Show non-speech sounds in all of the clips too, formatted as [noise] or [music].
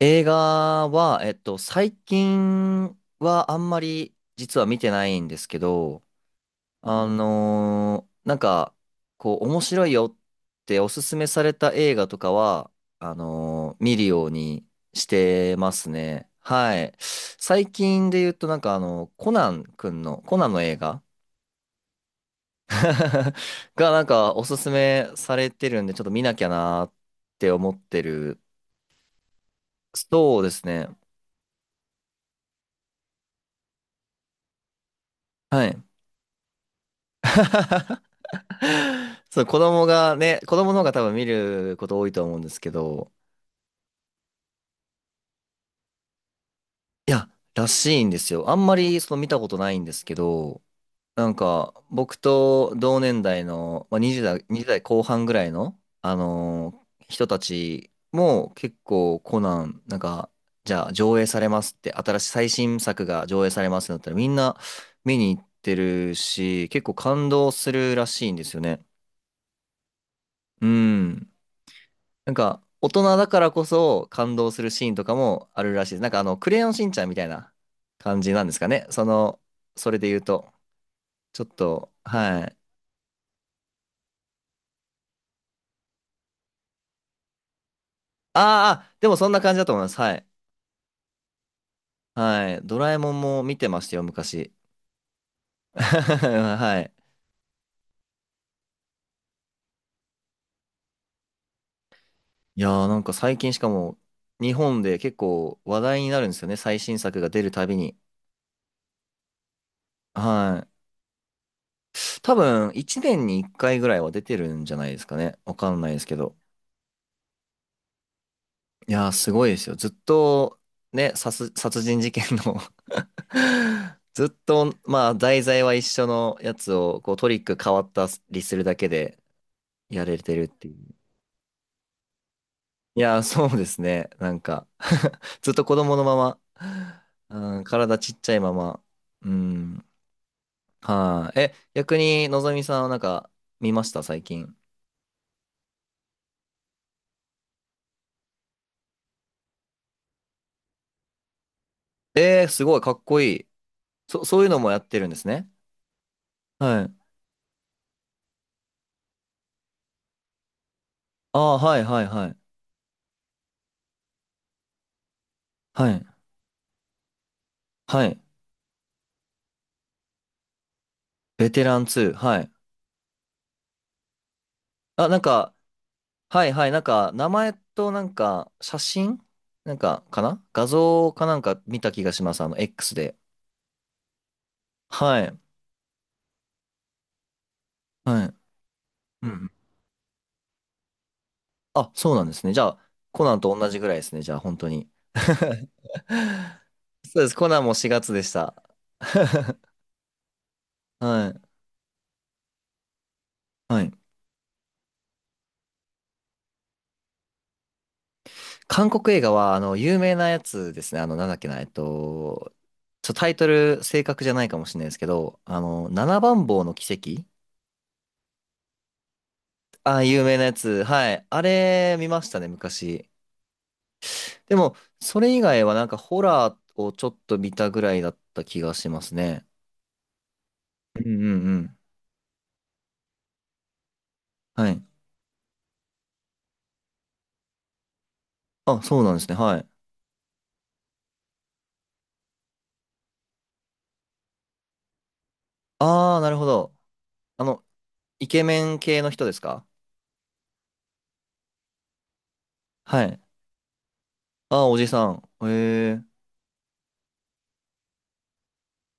映画は、最近はあんまり実は見てないんですけど、なんか、こう、面白いよっておすすめされた映画とかは、見るようにしてますね。はい。最近で言うと、なんかあの、コナンの映画 [laughs] がなんかおすすめされてるんで、ちょっと見なきゃなーって思ってる。そうですね。はい。 [laughs] そう、子供の方が多分見ること多いと思うんですけど、いや、らしいんですよ。あんまりその見たことないんですけど、なんか僕と同年代の、まあ、20代後半ぐらいの、人たちも結構コナン、なんか、じゃあ上映されますって、新しい最新作が上映されますってなったらみんな見に行ってるし、結構感動するらしいんですよね。うん。なんか、大人だからこそ感動するシーンとかもあるらしいです。なんかあの、クレヨンしんちゃんみたいな感じなんですかね。その、それで言うと。ちょっと、はい。でもそんな感じだと思います。はい。はい。ドラえもんも見てましたよ、昔。[laughs] はい。いやーなんか最近しかも、日本で結構話題になるんですよね。最新作が出るたびに。はい。多分、1年に1回ぐらいは出てるんじゃないですかね。わかんないですけど。いやー、すごいですよ。ずっと、ね、殺人事件の [laughs] ずっと、まあ、題材は一緒のやつを、こう、トリック変わったりするだけでやれてるっていう。いやー、そうですね。なんか [laughs] ずっと子供のまま、うん、体ちっちゃいまま。うん。はい。え、逆に、のぞみさんはなんか、見ました最近。えー、すごい、かっこいい。そういうのもやってるんですね。はい。ああ、はい、はい、はい。はい。はい。ベテラン2。はい。あ、なんか、はいはい。なんか、名前となんか、写真なんか、かな画像かなんか見た気がします。あの、X で。はい。はい。うん。あ、そうなんですね。じゃあ、コナンと同じぐらいですね。じゃあ、本当に。[laughs] そうです。コナンも4月でした。[laughs] はい。はい。韓国映画は、あの、有名なやつですね。あの、なんだっけな、えっと、ちょ、タイトル正確じゃないかもしれないですけど、あの、七番坊の奇跡。あ、有名なやつ。はい。あれ、見ましたね、昔。でも、それ以外はなんかホラーをちょっと見たぐらいだった気がしますね。うんうんうん。はい。あ、そうなんですね。はい。ああ、なるほど。あの、イケメン系の人ですか？はい。ああ、おじさん。へえ。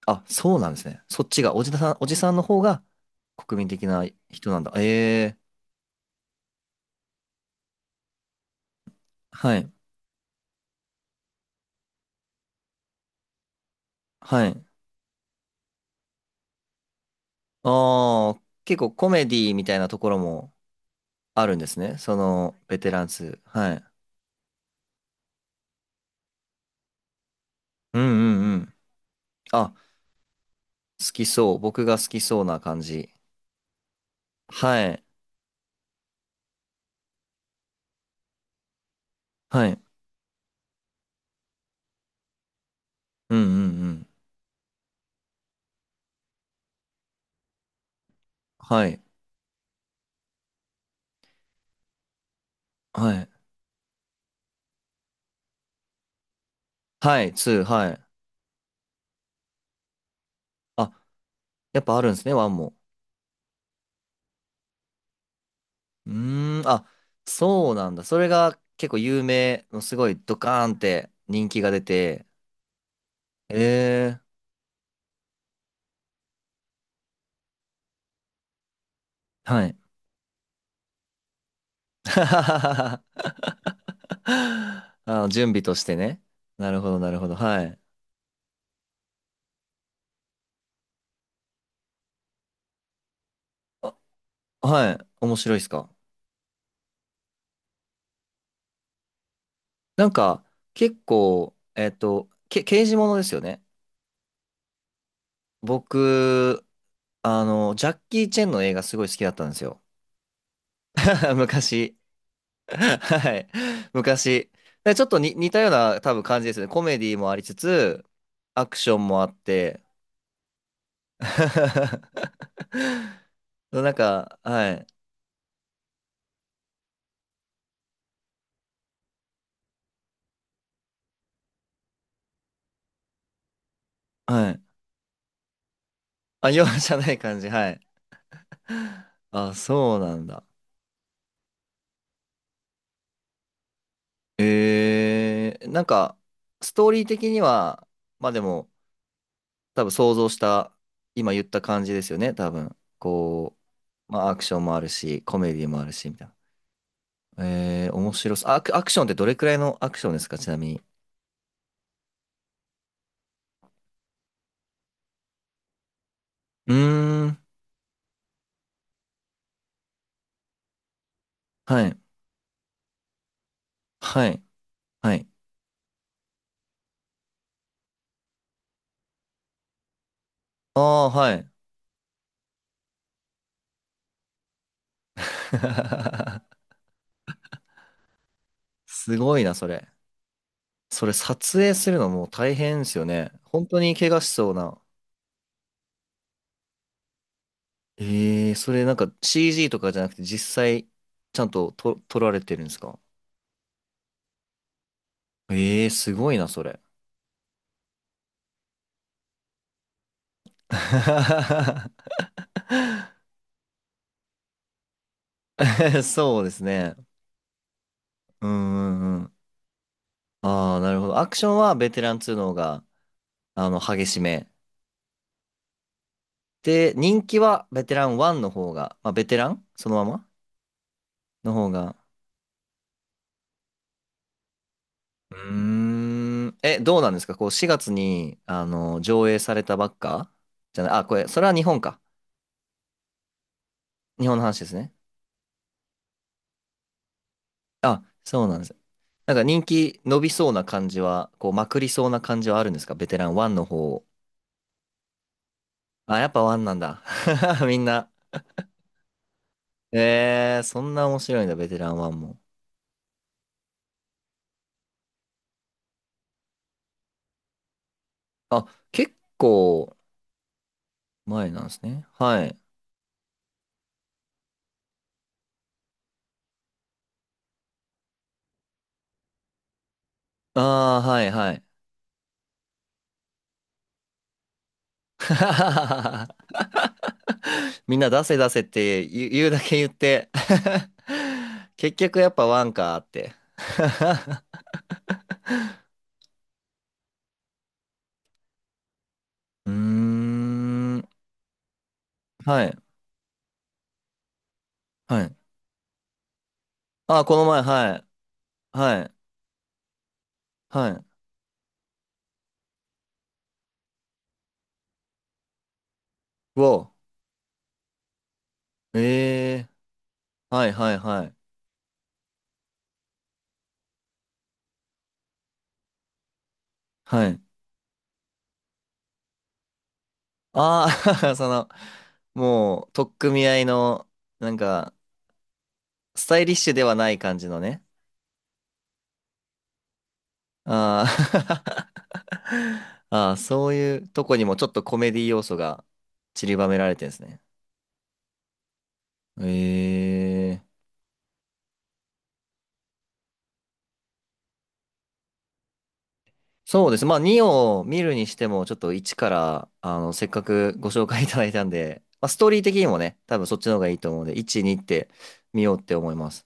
あ、そうなんですね。そっちが、おじさんの方が国民的な人なんだ。ええ。はい。はい。ああ、結構コメディみたいなところもあるんですね。その、ベテラン2。はい。うんうんうん。あ、好きそう。僕が好きそうな感じ。はい。はい。うんうんうん。はい。はい。はい。2。はい。あ、やっぱあるんですね、1も。うーん。あ、そうなんだ。それが結構有名の、すごいドカーンって人気が出て。えー。はい。[laughs] あの、準備としてね。なるほど、なるほど。はい。あ、はい。面白いっすか？なんか、結構、刑事ものですよね。僕、あの、ジャッキー・チェンの映画すごい好きだったんですよ。[laughs] 昔。はい。昔。でちょっとに似たような多分感じですよね。コメディもありつつ、アクションもあって。[laughs] なんか、はい。はい。あ、容赦ない感じ。はい。あ、そうなんだ。えー、なんか、ストーリー的には、まあでも、多分想像した、今言った感じですよね、多分。こう、まあアクションもあるし、コメディもあるし、みたいな。えー、面白そう。アクションってどれくらいのアクションですか、ちなみに。うーん、はい、はい、はい。ああ、はい。[laughs] すごいな、それ。それ撮影するのもう大変ですよね。本当に怪我しそうな。えー、それなんか CG とかじゃなくて実際ちゃんと撮られてるんですか？えー、すごいな、それ。[laughs] [laughs] そうですね。うんうんうん。ああ、なるほど。アクションはベテラン2の方が、あの、激しめ。で、人気はベテラン1の方が、まあ、ベテランそのままの方が。うーん。え、どうなんですかこう、4月に、あの、上映されたばっかじゃない、あ、これ、それは日本か。日本の話ですね。あ、そうなんです。なんか人気伸びそうな感じは、こう、まくりそうな感じはあるんですかベテラン1の方。あ、やっぱ1なんだ。[laughs] みんな。ええー、そんな面白いんだ、ベテランワンも。あ、結構前なんですね。はい。ああ、はい、はい。[laughs] みんな出せ出せって言う、言うだけ言って [laughs] 結局やっぱワンかーって [laughs] うーん。はい。はい。あ、この前、はい。はい。はい。うお。ええー。はい、はい、はい。はい。ああ、[laughs] その、もう、取っ組み合いの、なんか、スタイリッシュではない感じのね。あー。 [laughs] あー、そういうとこにもちょっとコメディ要素が散りばめられてるんですね。ええ。そうです。まあ、2を見るにしても、ちょっと1から、あの、せっかくご紹介いただいたんで、まあ、ストーリー的にもね、多分そっちの方がいいと思うので、1、2って見ようって思います。